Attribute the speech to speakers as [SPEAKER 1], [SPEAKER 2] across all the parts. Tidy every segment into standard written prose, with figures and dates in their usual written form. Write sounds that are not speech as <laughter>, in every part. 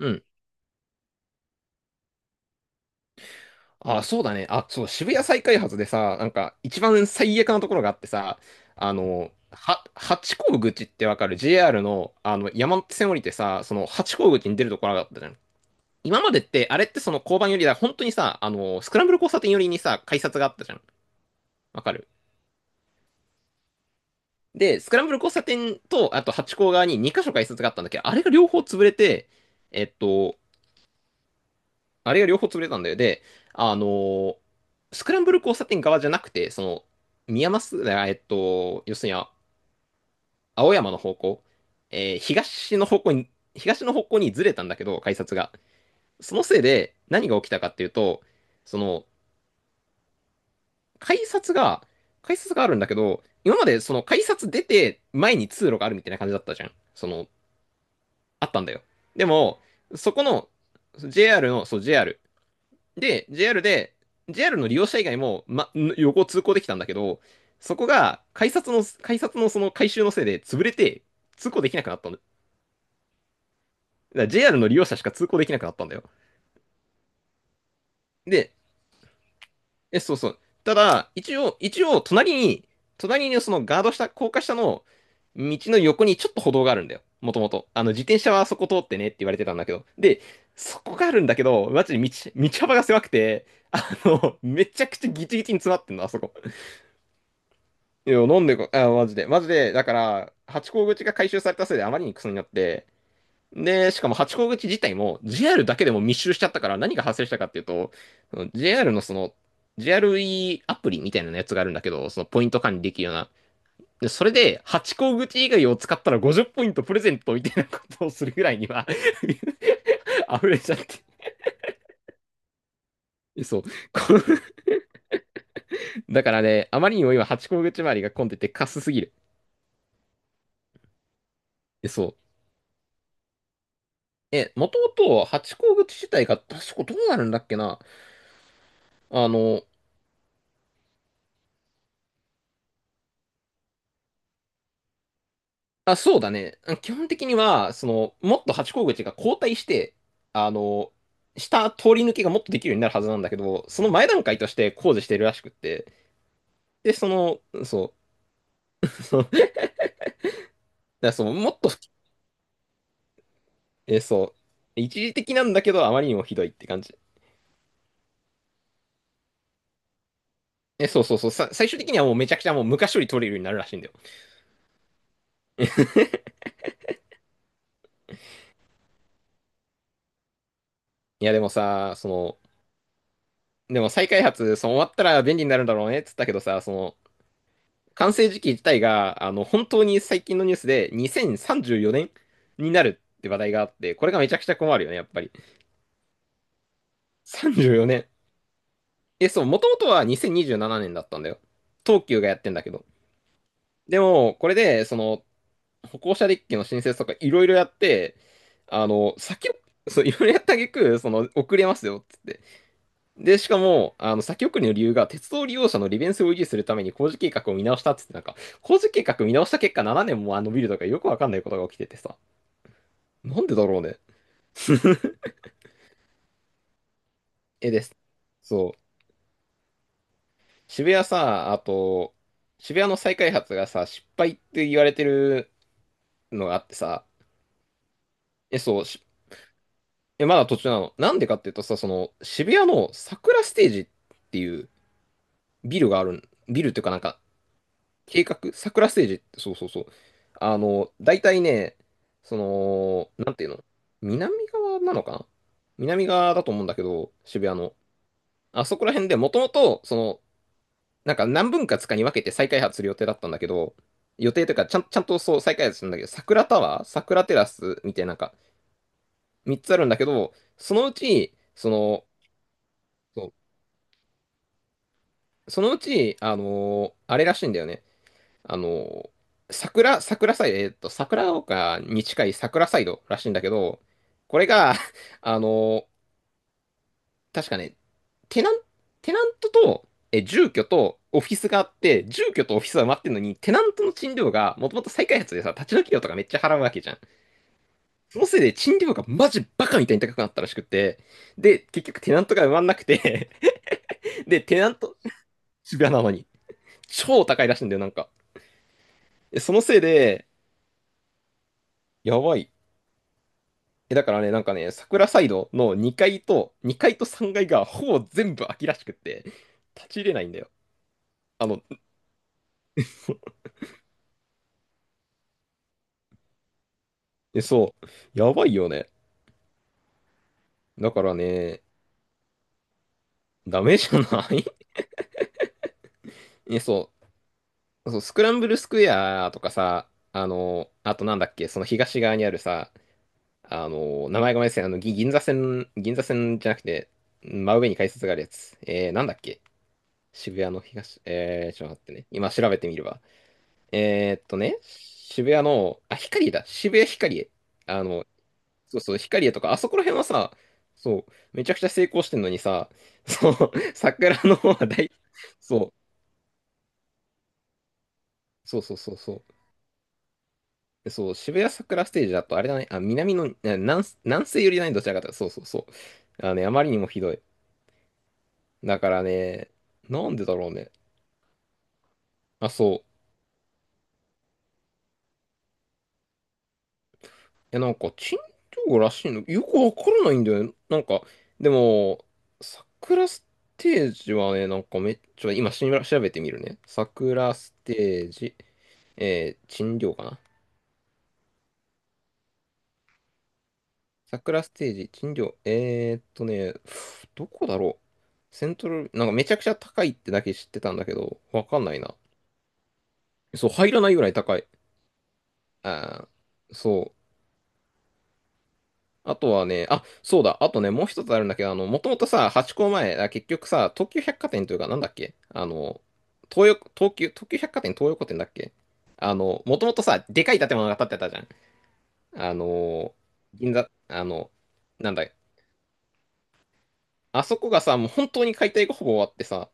[SPEAKER 1] うん。あ、そうだね。あ、そう、渋谷再開発でさ、なんか、一番最悪なところがあってさ、八甲口ってわかる？ JR の、山手線降りてさ、八甲口に出るところがあったじゃん。今までって、あれってその交番寄りだ、本当にさ、スクランブル交差点寄りにさ、改札があったじゃん。わかる？で、スクランブル交差点と、あと八甲側に2箇所改札があったんだけど、あれが両方潰れて、えっと、あれが両方潰れたんだよ。で、あのースクランブル交差点側じゃなくて、宮益、要するに青山の方向、東の方向に、ずれたんだけど、改札が。そのせいで何が起きたかっていうと、その、改札が、改札があるんだけど、今までその改札出て前に通路があるみたいな感じだったじゃん。あったんだよ。でも、そこの、JR の、そう、JR、で、JR で、JR の利用者以外も、ま、横通行できたんだけど、そこが、改札のその改修のせいで潰れて、通行できなくなったんだ。だから JR の利用者しか通行できなくなったんだよ。で、そうそう。ただ、一応、隣にそのガード下、高架下の道の横にちょっと歩道があるんだよ。もともと。自転車はそこ通ってねって言われてたんだけど。で、そこがあるんだけど、マジで道、道幅が狭くて、めちゃくちゃギチギチに詰まってんの、あそこ。いや、なんでか、あ、マジで。マジで、だから、ハチ公口が回収されたせいであまりにクソになって、で、しかもハチ公口自体も JR だけでも密集しちゃったから何が発生したかっていうと、JR のJRE アールイーアプリみたいなやつがあるんだけど、そのポイント管理できるような。で、それで、ハチ公口以外を使ったら50ポイントプレゼントみたいなことをするぐらいには <laughs> 溢れちゃって。そう。こうだからね、あまりにも今、ハチ公口周りが混んでてカスすぎる。そう。もともとハチ口自体が確かどうなるんだっけな。あの、あ、そうだね。基本的には、もっとハチ公口が後退して、あの、下通り抜けがもっとできるようになるはずなんだけど、その前段階として工事してるらしくって。で、そう、<laughs> そう、だからそう、もっと、え、そう、一時的なんだけど、あまりにもひどいって感じ。そうそうそう、最終的にはもうめちゃくちゃもう昔より取れるようになるらしいんだよ。いや、でもさ、でも再開発、終わったら便利になるんだろうねっつったけどさ、完成時期自体が、本当に最近のニュースで2034年になるって話題があって、これがめちゃくちゃ困るよね、やっぱり。34年。そう、もともとは2027年だったんだよ。東急がやってんだけど。でも、これで、歩行者デッキの申請とかいろいろやって、先を、そう、いろいろやった挙句、遅れますよ、っつって。で、しかも、先送りの理由が、鉄道利用者の利便性を維持するために工事計画を見直したっつって、なんか、工事計画見直した結果7年もあのビルとかよくわかんないことが起きててさ。なんでだろうね。です。そう。渋谷さ、あと、渋谷の再開発がさ、失敗って言われてるのがあってさ、そう、まだ途中なの。なんでかっていうとさ、渋谷の桜ステージっていうビルがあるん、ビルっていうかなんか、計画、桜ステージって、そうそうそう。大体ね、なんていうの、南側なのかな、南側だと思うんだけど、渋谷の。あそこら辺でもともと、なんか何分割かに分けて再開発する予定だったんだけど、予定というか、ちゃんとそう再開発するんだけど、桜タワー、桜テラスみたいな、なんか3つあるんだけど、そのうち、その、そうそのうち、あれらしいんだよね。あの、桜サイド、桜丘に近い桜サイドらしいんだけど、これが、<laughs> あの、確かね、テナン、テナントと、住居とオフィスがあって、住居とオフィスは埋まってるのに、テナントの賃料が、もともと再開発でさ、立ち退き料とかめっちゃ払うわけじゃん。そのせいで賃料がマジバカみたいに高くなったらしくって、で、結局テナントが埋まんなくて <laughs> で、テナント、渋谷なのに、超高いらしいんだよ、なんか。そのせいで、やばい。だからね、なんかね、桜サイドの2階と、2階と3階がいがほぼ全部空きらしくって、立ち入れないんだよ。あの、そう、やばいよね。だからね、ダメじゃない？ <laughs> そう、そう、スクランブルスクエアとかさ、あとなんだっけ、その東側にあるさ、名前がごめんなさい、銀座線、銀座線じゃなくて、真上に改札があるやつ。なんだっけ、渋谷の東、ちょっと待ってね。今調べてみれば。渋谷の、あ、ヒカリエだ、渋谷ヒカリエ。あの、そうそう、ヒカリエとか、あそこら辺はさ、そう、めちゃくちゃ成功してんのにさ、<laughs> そう、<laughs> 桜の方は大、そう、そうそうそうそう。でそう、渋谷桜ステージだと、あれだね、あ、南の、南西寄りだね、どちらかというと、そうそうそう。あのね、あまりにもひどい。だからね、なんでだろうね。あ、そう。なんか、珍道らしいの、よくわからないんだよね。なんか、でも、桜ステージはね、なんかめっちゃ、今調べてみるね。桜ステージ、珍道かな。桜ステージ、珍道、どこだろう。セントル、なんかめちゃくちゃ高いってだけ知ってたんだけど、わかんないな。そう、入らないぐらい高い。ああ、そう。あとはね、あ、そうだ、あとね、もう一つあるんだけど、もともとさ、ハチ公前、あ結局さ、東急百貨店というか、なんだっけ、あの、東横、東急、東急百貨店東横店だっけ、もともとさ、でかい建物が建ってたじゃん。あの、銀座、なんだ、あそこがさ、もう本当に解体がほぼ終わってさ、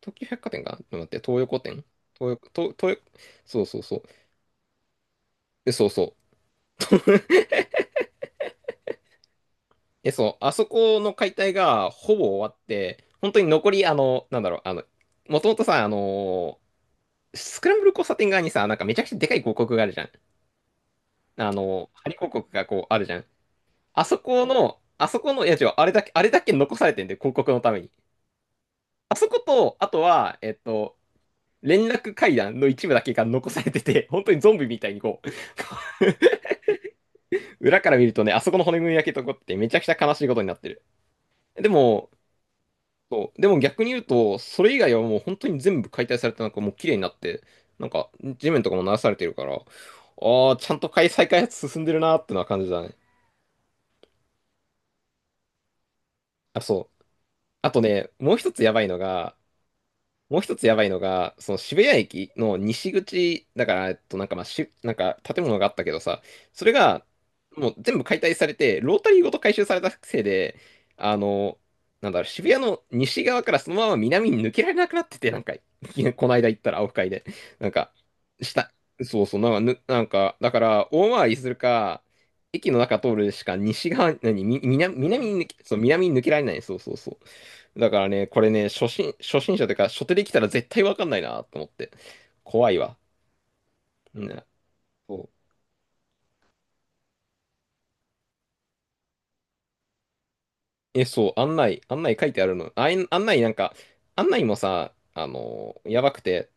[SPEAKER 1] 東急百貨店かな、ちょっと待って、東横店、東横、東、東、そうそうそう。でそうそう。え、そう、あそこの解体がほぼ終わって、本当に残り、もともとさ、スクランブル交差点側にさ、なんかめちゃくちゃでかい広告があるじゃん。張り広告がこうあるじゃん。あそこの、いや違う、あれだけ残されてんで、広告のために。あそこと、あとは、連絡階段の一部だけが残されてて、<laughs> 本当にゾンビみたいにこう、<laughs> 裏から見るとね、あそこの骨組みだけ残っててめちゃくちゃ悲しいことになってる。でも、そう。でも逆に言うと、それ以外はもう本当に全部解体されて、なんかもう綺麗になって、なんか地面とかも鳴らされてるから、ああ、ちゃんと再開発進んでるなーってのは感じだね。あ、そう。あとね、もう一つやばいのが、もう一つやばいのが、その渋谷駅の西口、だから、なんかまあし、なんか建物があったけどさ、それが、もう全部解体されて、ロータリーごと回収されたせいで、あの、渋谷の西側からそのまま南に抜けられなくなってて、なんか、<laughs> この間行ったら、青深いで、なんか、下、そうそう、なんか、ぬなんか、だから、大回りするか、駅の中通るしか西側、何、み、南、南に抜け、そう、南に抜けられない、そうそうそう。だからね、これね、初心者というか、初手で来たら絶対わかんないなと思って。怖いわ。うん。そう。え、そう、案内書いてあるの。あい、案内なんか、案内もさ、やばくて、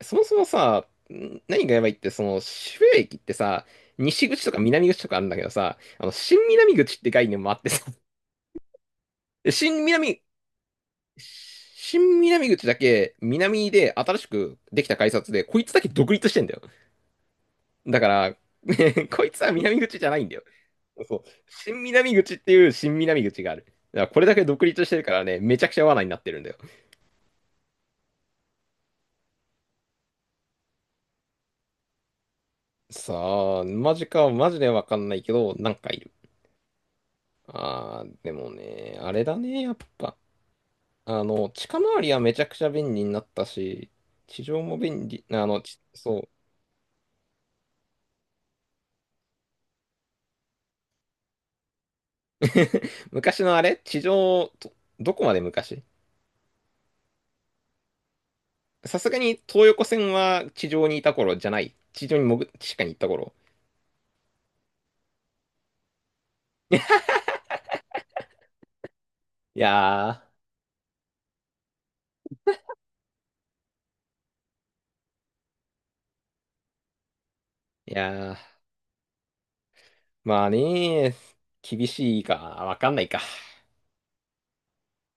[SPEAKER 1] そもそもさ、ん何がやばいって、その、渋谷駅ってさ、西口とか南口とかあるんだけどさ、あの、新南口って概念もあってさ、で新南、新南口だけ南で新しくできた改札で、こいつだけ独立してんだよ。だから、<laughs> ねこいつは南口じゃないんだよ。そう。新南口っていう新南口がある。だからこれだけ独立してるからね、めちゃくちゃ罠になってるんだよ。さあ、マジか、マジでわかんないけど、なんかいる。あー、でもね、あれだね、やっぱ。あの、近回りはめちゃくちゃ便利になったし、地上も便利、あの、ちそう。<laughs> 昔のあれ地上、ど、どこまで昔さすがに東横線は地上にいた頃じゃない。地上に潜、地下に行った頃。いやいやー。まあね、厳しいか、わかんないか。